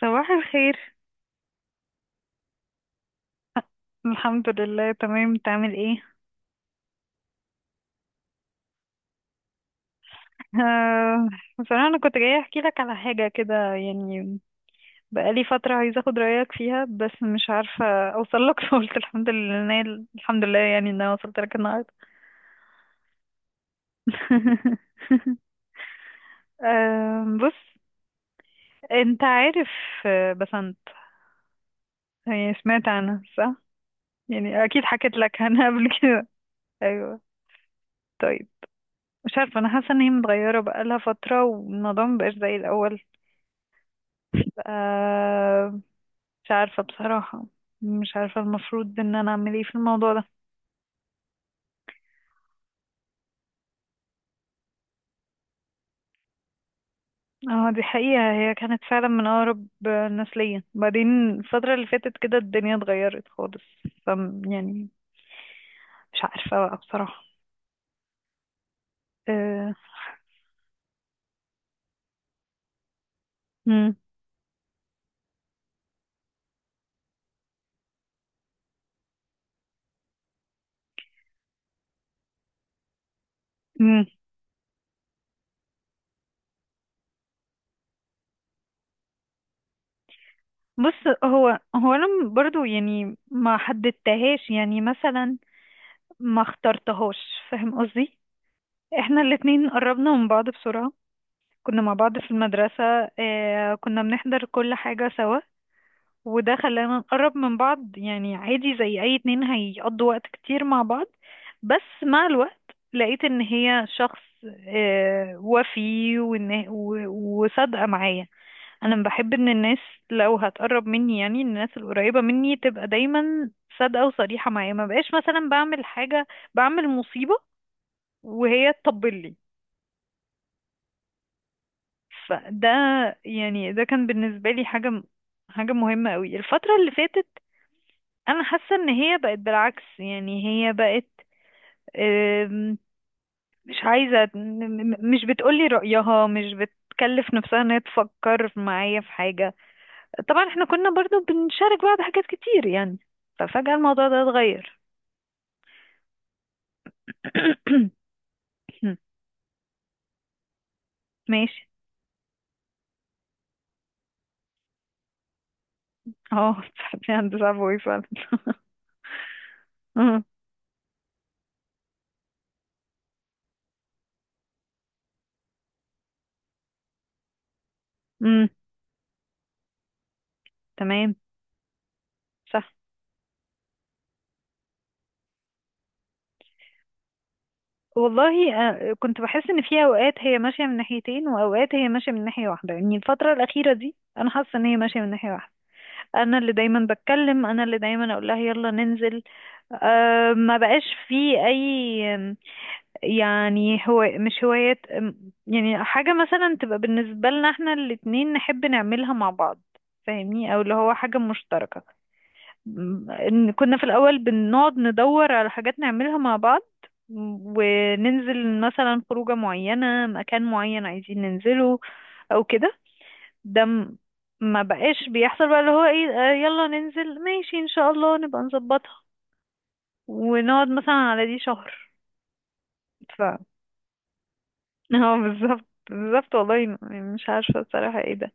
صباح الخير. الحمد لله تمام، تعمل ايه؟ آه بصراحة انا كنت جاية احكي لك على حاجة كده يعني، بقالي فترة عايزة اخد رأيك فيها بس مش عارفة اوصل لك فقلت الحمد لله الحمد لله يعني ان انا وصلت لك النهاردة. آه، بص. انت عارف بسنت، يعني سمعت عنها صح؟ يعني اكيد حكيت لك عنها قبل كده. ايوه. طيب، مش عارفة، أنا حاسة إن هي متغيرة بقالها فترة والموضوع مبقاش زي الأول. آه. مش عارفة بصراحة. مش عارفة المفروض ان انا اعمل ايه في الموضوع ده. اه، دي حقيقة، هي كانت فعلا من اقرب الناس ليا، بعدين الفترة اللي فاتت كده الدنيا اتغيرت خالص. ف يعني مش عارفة بقى بصراحة. أه... مم. مم. بص، هو برضو يعني ما حددتهاش يعني مثلا، ما اخترتهاش. فاهم قصدي؟ احنا الاتنين قربنا من بعض بسرعة، كنا مع بعض في المدرسة. اه، كنا بنحضر كل حاجة سوا، وده خلانا نقرب من بعض، يعني عادي زي اي اتنين هيقضوا وقت كتير مع بعض. بس مع الوقت لقيت ان هي شخص، آه، وفي وإن- و- وصادقة معايا. انا بحب ان الناس، لو هتقرب مني يعني الناس القريبة مني، تبقى دايما صادقة وصريحة معايا. ما بقاش مثلا بعمل حاجة، بعمل مصيبة، وهي تطبل لي. فده يعني ده كان بالنسبة لي حاجة، حاجة مهمة قوي. الفترة اللي فاتت انا حاسه ان هي بقت بالعكس يعني. هي بقت آم، مش عايزه مش بتقولي رأيها، مش بتكلف نفسها ان هي تفكر معايا في حاجه. طبعا احنا كنا برضو بنشارك بعض حاجات كتير يعني، ففجأة الموضوع ده اتغير. ماشي. اه، في هندسة فوي فعلا. أمم، أمم، تمام. صح. والله كنت بحس ان في اوقات هي ماشيه من ناحيتين واوقات هي ماشيه من ناحيه واحده. يعني الفتره الاخيره دي انا حاسه ان هي ماشيه من ناحيه واحده. انا اللي دايما بتكلم، انا اللي دايما اقول لها يلا ننزل. أه، ما بقاش في اي يعني هو مش هوايات يعني حاجة مثلا تبقى بالنسبة لنا احنا الاتنين نحب نعملها مع بعض. فاهمني؟ او اللي هو حاجة مشتركة. إن كنا في الاول بنقعد ندور على حاجات نعملها مع بعض، وننزل مثلا خروجة معينة، مكان معين عايزين ننزله او كده. ده م- ما بقاش بيحصل بقى اللي هو ايه، يلا ننزل ماشي ان شاء الله نبقى نظبطها، ونقعد مثلا على دي شهر. ف هو بالظبط بالظبط والله، مش عارفة بصراحة ايه ده.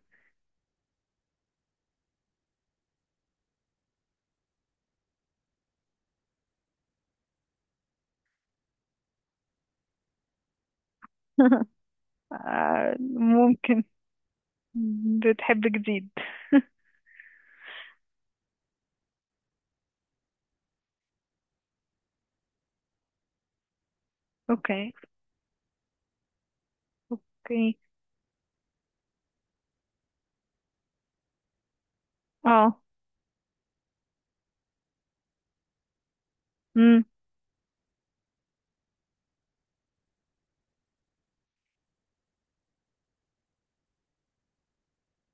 آه، ممكن. بتحب جديد. اوكي. اوكي. اه. امم.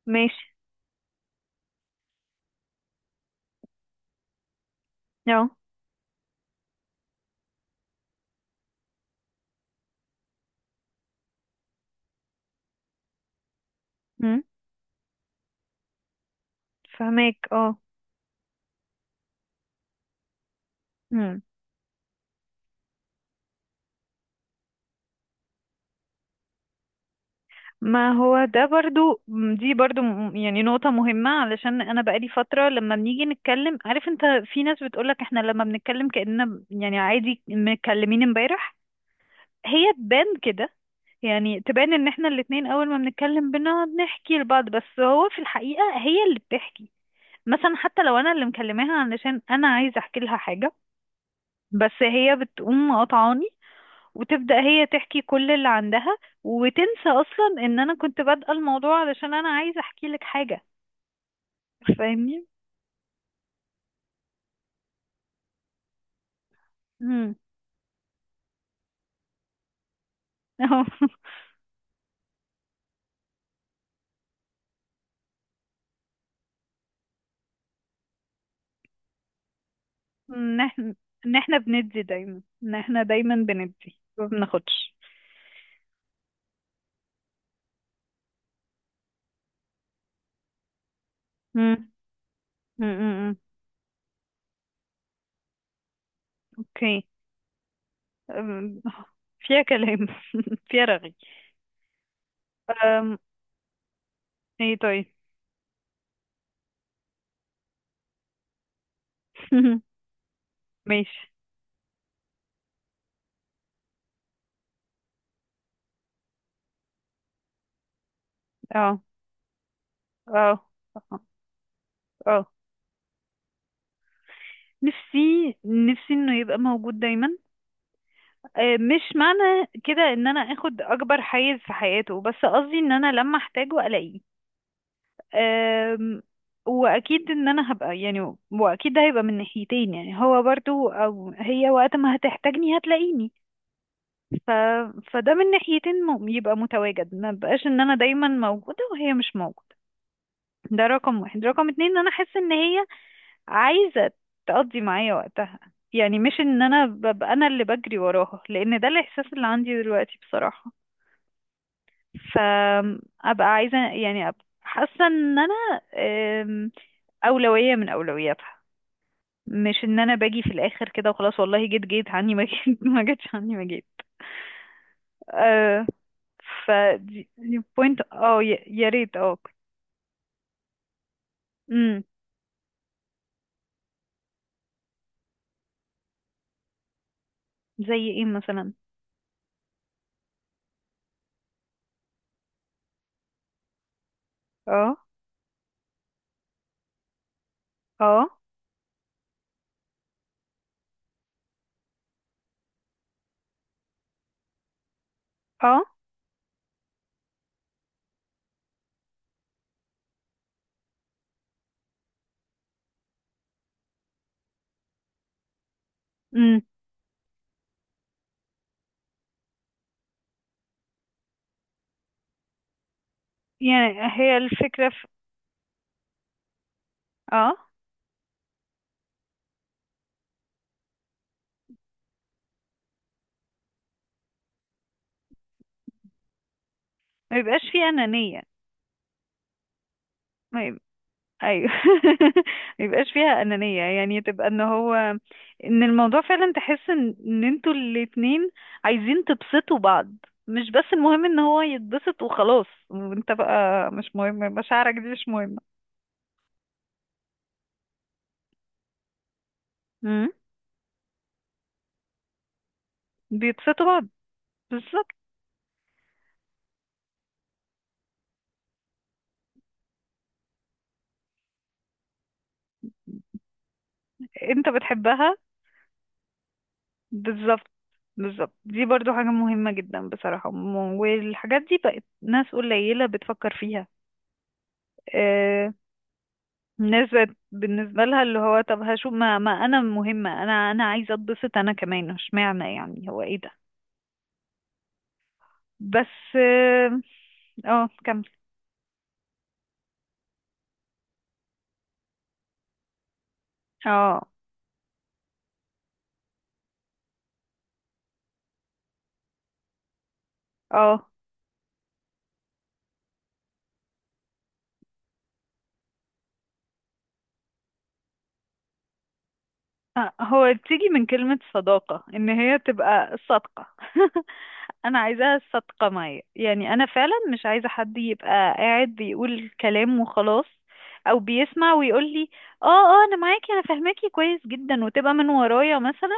ماشي. اه. امم. فهماك. اه. ما هو ده برضو، دي برضو يعني نقطة مهمة. علشان أنا بقالي فترة لما بنيجي نتكلم، عارف أنت، في ناس بتقولك إحنا لما بنتكلم كأننا يعني عادي متكلمين امبارح. هي تبان كده، يعني تبان إن إحنا الاتنين أول ما بنتكلم بنقعد نحكي لبعض، بس هو في الحقيقة هي اللي بتحكي. مثلا حتى لو أنا اللي مكلماها علشان أنا عايزة أحكي لها حاجة، بس هي بتقوم قاطعاني وتبدأ هي تحكي كل اللي عندها، وتنسى أصلا إن أنا كنت بادئة الموضوع علشان أنا عايزة أحكي لك حاجة. فاهمني؟ مم. أهو. إن إحنا إن إحنا بندي دايما إن إحنا دايما بندي ما بناخدش. مم. مم. مم. مم. أوكي. أم، فيها كلام. فيها رغي. أم، إيه طيب. ماشي. أه. أه. أه. آه. نفسي، نفسي إنه يبقى موجود دايما. مش معنى كده ان انا اخد اكبر حيز في حياته، بس قصدي ان انا لما احتاجه الاقيه. آم، واكيد ان انا هبقى، يعني واكيد ده هيبقى من ناحيتين، يعني هو برضو او هي وقت ما هتحتاجني هتلاقيني. ف... فده من ناحيتين، يبقى متواجد. ما بقاش ان انا دايما موجودة وهي مش موجودة. ده رقم واحد. رقم اتنين، ان انا احس ان هي عايزة تقضي معايا وقتها، يعني مش ان انا ببقى انا اللي بجري وراها، لان ده الاحساس اللي عندي دلوقتي بصراحة. فابقى عايزه يعني أبقى حاسه ان انا أم، اولويه من اولوياتها. مش ان انا باجي في الاخر كده وخلاص، والله جيت جيت عني ما جيت ما جيتش عني ما جيت. أه. ف دي بوينت اه، يا يا ريت اه. امم. زي ايه مثلا؟ اه. اه. اه. امم. يعني هي الفكره في، اه، ما يبقاش في انانيه. ما ايوه. ما يبقاش فيها انانيه. يعني تبقى ان هو، ان الموضوع فعلا تحس ان ان انتوا الاتنين عايزين تبسطوا بعض. مش بس المهم ان هو يتبسط وخلاص، وانت بقى مش مهم مشاعرك، دي مش مهمه. امم. بيبسطوا بعض. بالظبط. انت بتحبها. بالظبط. بالظبط دي برضو حاجه مهمه جدا بصراحه، والحاجات دي بقت ناس قليله بتفكر فيها. آه، الناس بقت بالنسبة لها اللي هو طب هشوف ما انا مهمة، انا انا عايزة اتبسط انا كمان، اشمعنى يعني هو ايه ده؟ بس اه، كمل. اه. اه. هو بتيجي من كلمة صداقة ان هي تبقى صادقة. انا عايزاها صادقة معايا. يعني انا فعلا مش عايزة حد يبقى قاعد بيقول كلام وخلاص، او بيسمع ويقول لي اه اه انا معاكي انا فاهماكي كويس جدا، وتبقى من ورايا مثلا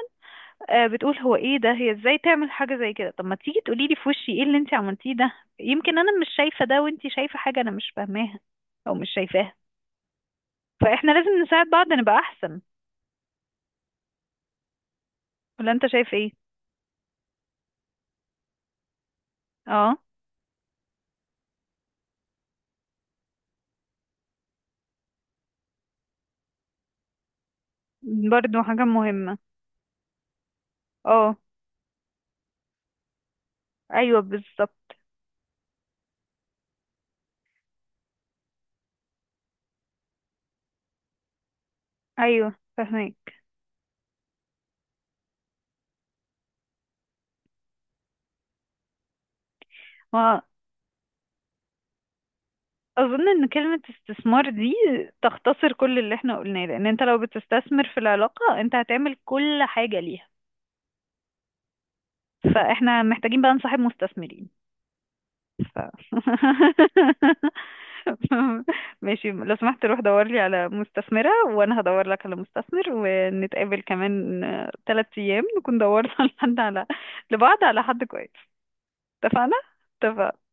بتقول هو ايه ده، هي ازاي تعمل حاجة زي كده. طب ما تيجي تقولي لي في وشي ايه اللي انت عملتيه ده؟ يمكن انا مش شايفة ده وانت شايفة حاجة انا مش فاهماها او مش شايفاها. فاحنا لازم نساعد بعض نبقى احسن. ولا انت شايف ايه؟ اه. برضو حاجة مهمة. اه. ايوه بالظبط. ايوه فاهمك. واظن ان كلمة استثمار دي تختصر كل اللي احنا قلناه، لان انت لو بتستثمر في العلاقة انت هتعمل كل حاجة ليها. فاحنا محتاجين بقى نصاحب مستثمرين. ف... ماشي، لو سمحت روح دور لي على مستثمرة وانا هدور لك على مستثمر، ونتقابل كمان 3 ايام نكون دورنا لحد على لبعض على حد كويس. اتفقنا؟ اتفقنا.